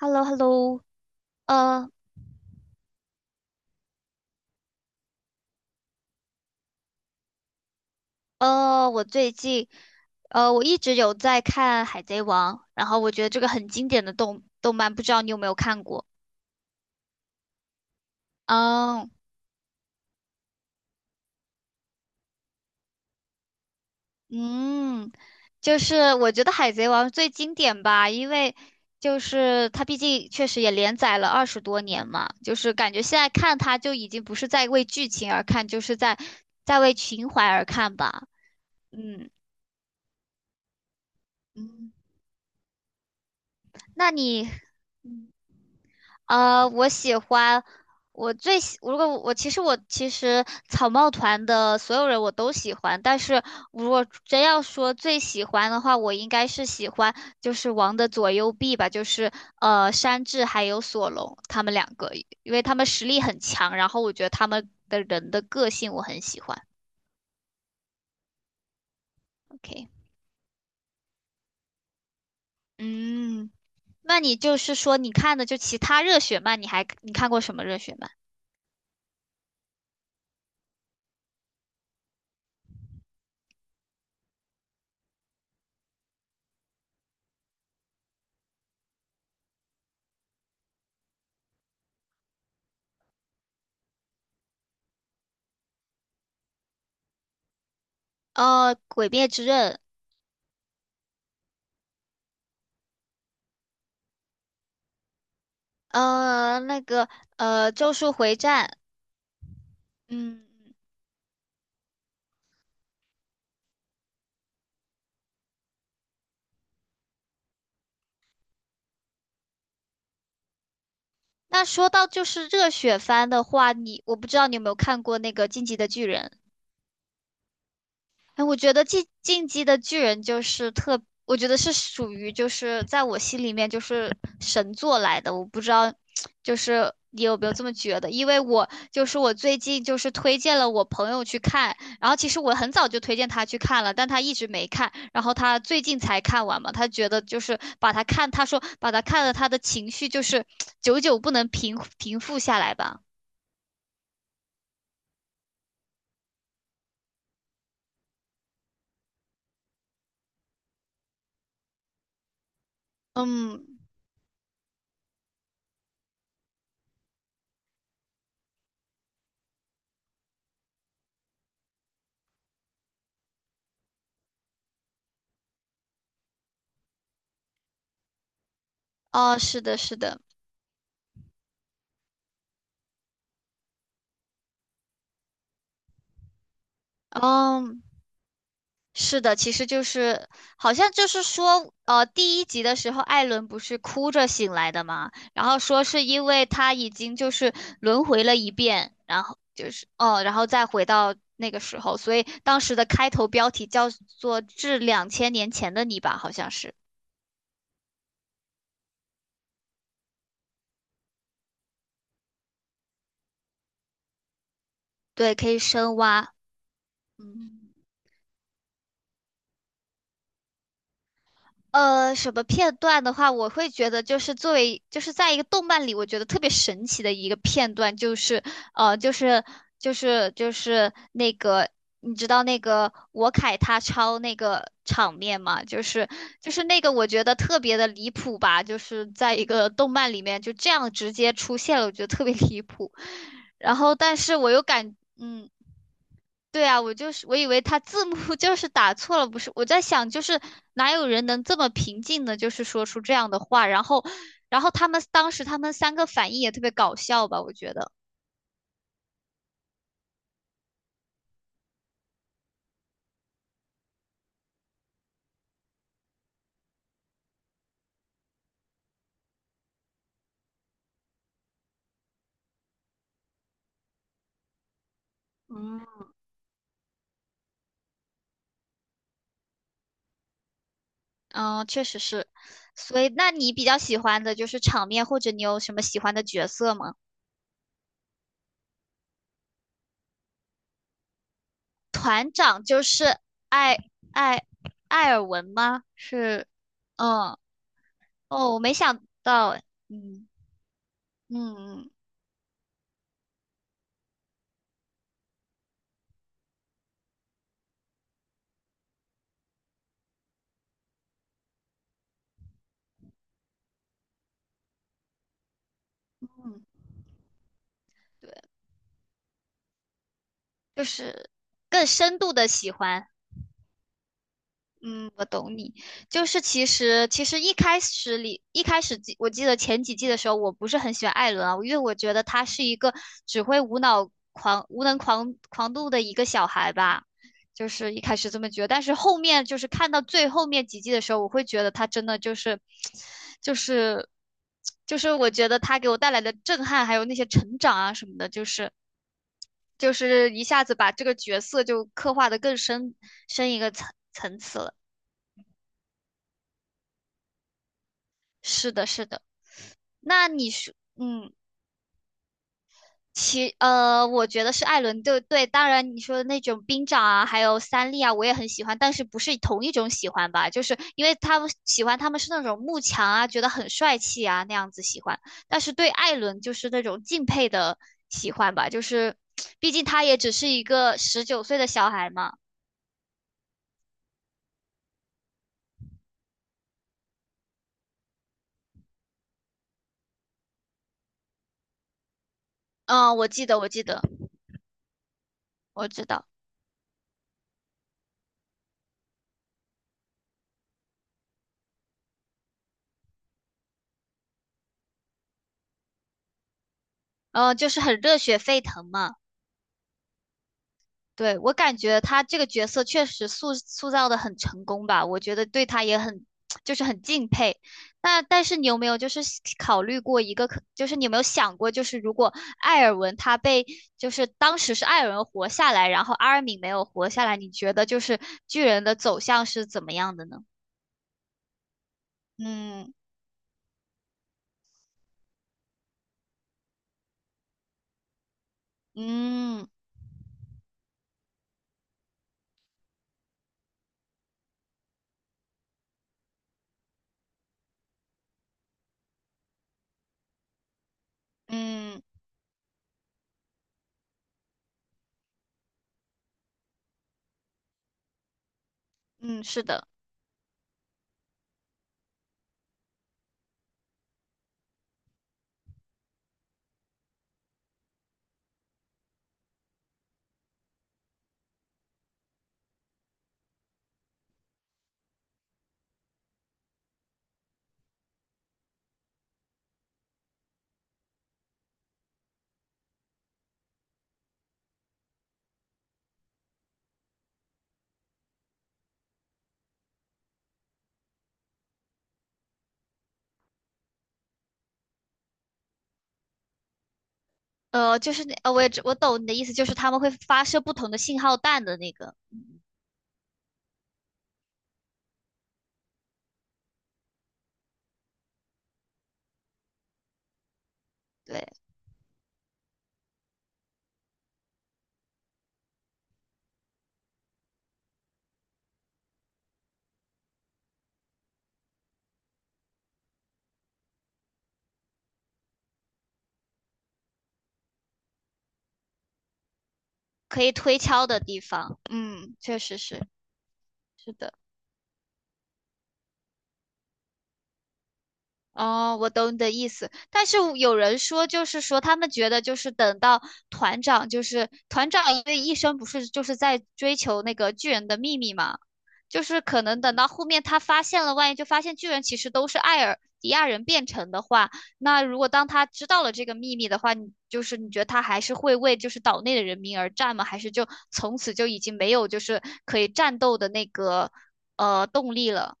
H e l l o, h e l l o. 呃我最近我一直有在看《海贼王》，然后我觉得这个很经典的动漫，不知道你有没有看过？嗯嗯。就是我觉得《海贼王》最经典吧，因为就是它毕竟确实也连载了20多年嘛，就是感觉现在看它就已经不是在为剧情而看，就是在为情怀而看吧。嗯嗯。那你？我喜欢，我最喜，如果我其实草帽团的所有人我都喜欢，但是如果真要说最喜欢的话，我应该是喜欢就是王的左右臂吧，就是山治还有索隆他们两个，因为他们实力很强，然后我觉得他们的人的个性我很喜欢。OK，嗯。那你就是说你看的就其他热血漫，你看过什么热血漫？《鬼灭之刃》。呃，那个《咒术回战》。嗯。那说到就是热血番的话，我不知道你有没有看过那个《进击的巨人》。哎，我觉得进《进击的巨人》就是特，我觉得是属于就是在我心里面就是神作来的。我不知道，就是你有没有这么觉得？因为我最近就是推荐了我朋友去看，然后其实我很早就推荐他去看了，但他一直没看，然后他最近才看完嘛。他觉得就是把他看，他说把他看了，他的情绪就是久久不能平复下来吧。嗯。哦，是的，是的。嗯。是的，其实就是好像就是说，呃，第一集的时候，艾伦不是哭着醒来的嘛，然后说是因为他已经就是轮回了一遍，然后就是哦，然后再回到那个时候，所以当时的开头标题叫做《致2000年前的你》吧，好像是。对，可以深挖。嗯。什么片段的话，我会觉得就是作为就是在一个动漫里，我觉得特别神奇的一个片段，就是呃，就是就是那个，你知道那个我凯他抄那个场面吗？就是那个，我觉得特别的离谱吧，就是在一个动漫里面就这样直接出现了，我觉得特别离谱。然后，但是我又感，嗯。对啊，我就是我以为他字幕 就是打错了，不是？我在想，就是哪有人能这么平静的，就是说出这样的话？然后，他们当时他们三个反应也特别搞笑吧？我觉得。嗯，嗯，确实是。所以，那你比较喜欢的就是场面，或者你有什么喜欢的角色吗？团长就是艾艾艾尔文吗？是。嗯。哦，我没想到，哎。嗯嗯嗯嗯。对。就是更深度的喜欢。嗯，我懂你。就是其实其实一开始里一开始我记得前几季的时候，我不是很喜欢艾伦啊，因为我觉得他是一个只会无脑狂无能狂狂怒的一个小孩吧。就是一开始这么觉得，但是后面就是看到最后面几季的时候，我会觉得他真的就是，就是，就是我觉得他给我带来的震撼，还有那些成长啊什么的，就是一下子把这个角色就刻画的更深一个层次了。是的，是的。那你说，嗯。我觉得是艾伦。对对，当然你说的那种兵长啊，还有三笠啊，我也很喜欢，但是不是同一种喜欢吧？就是因为他们是那种慕强啊，觉得很帅气啊那样子喜欢，但是对艾伦就是那种敬佩的喜欢吧，就是毕竟他也只是一个19岁的小孩嘛。嗯，我记得，我记得。我知道。呃，就是很热血沸腾嘛。对，我感觉他这个角色确实塑造的很成功吧，我觉得对他也很 就是很敬佩。那但是你有没有就是考虑过一个可，就是你有没有想过，就是如果艾尔文他被就是当时是艾尔文活下来，然后阿尔敏没有活下来，你觉得就是巨人的走向是怎么样的呢？嗯嗯嗯嗯。是的。呃，就是那呃，我我懂你的意思，就是他们会发射不同的信号弹的那个。嗯。对，可以推敲的地方。嗯，确实是。是的。哦，我懂你的意思，但是我有人说，就是说他们觉得，就是等到团长，因为一生不是就是在追求那个巨人的秘密嘛，就是可能等到后面他发现了，万一就发现巨人其实都是艾尔迪亚人变成的话，那如果当他知道了这个秘密的话，你就是你觉得他还是会为就是岛内的人民而战吗？还是就从此就已经没有就是可以战斗的那个动力了？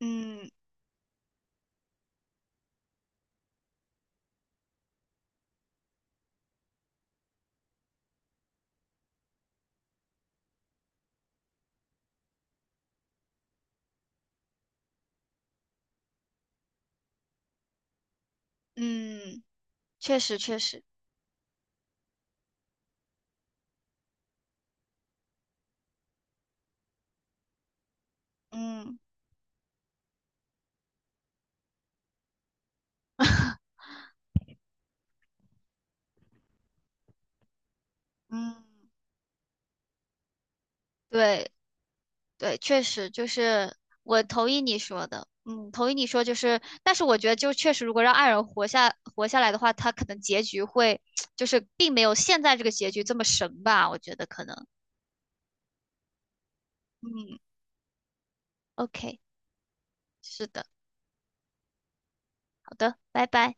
嗯嗯，确实确实。嗯嗯。对对，确实就是我同意你说的。嗯，同意你说就是，但是我觉得就确实，如果让爱人活下来的话，他可能结局会 就是并没有现在这个结局这么神吧，我觉得可能。嗯。OK，是的。好的，拜拜。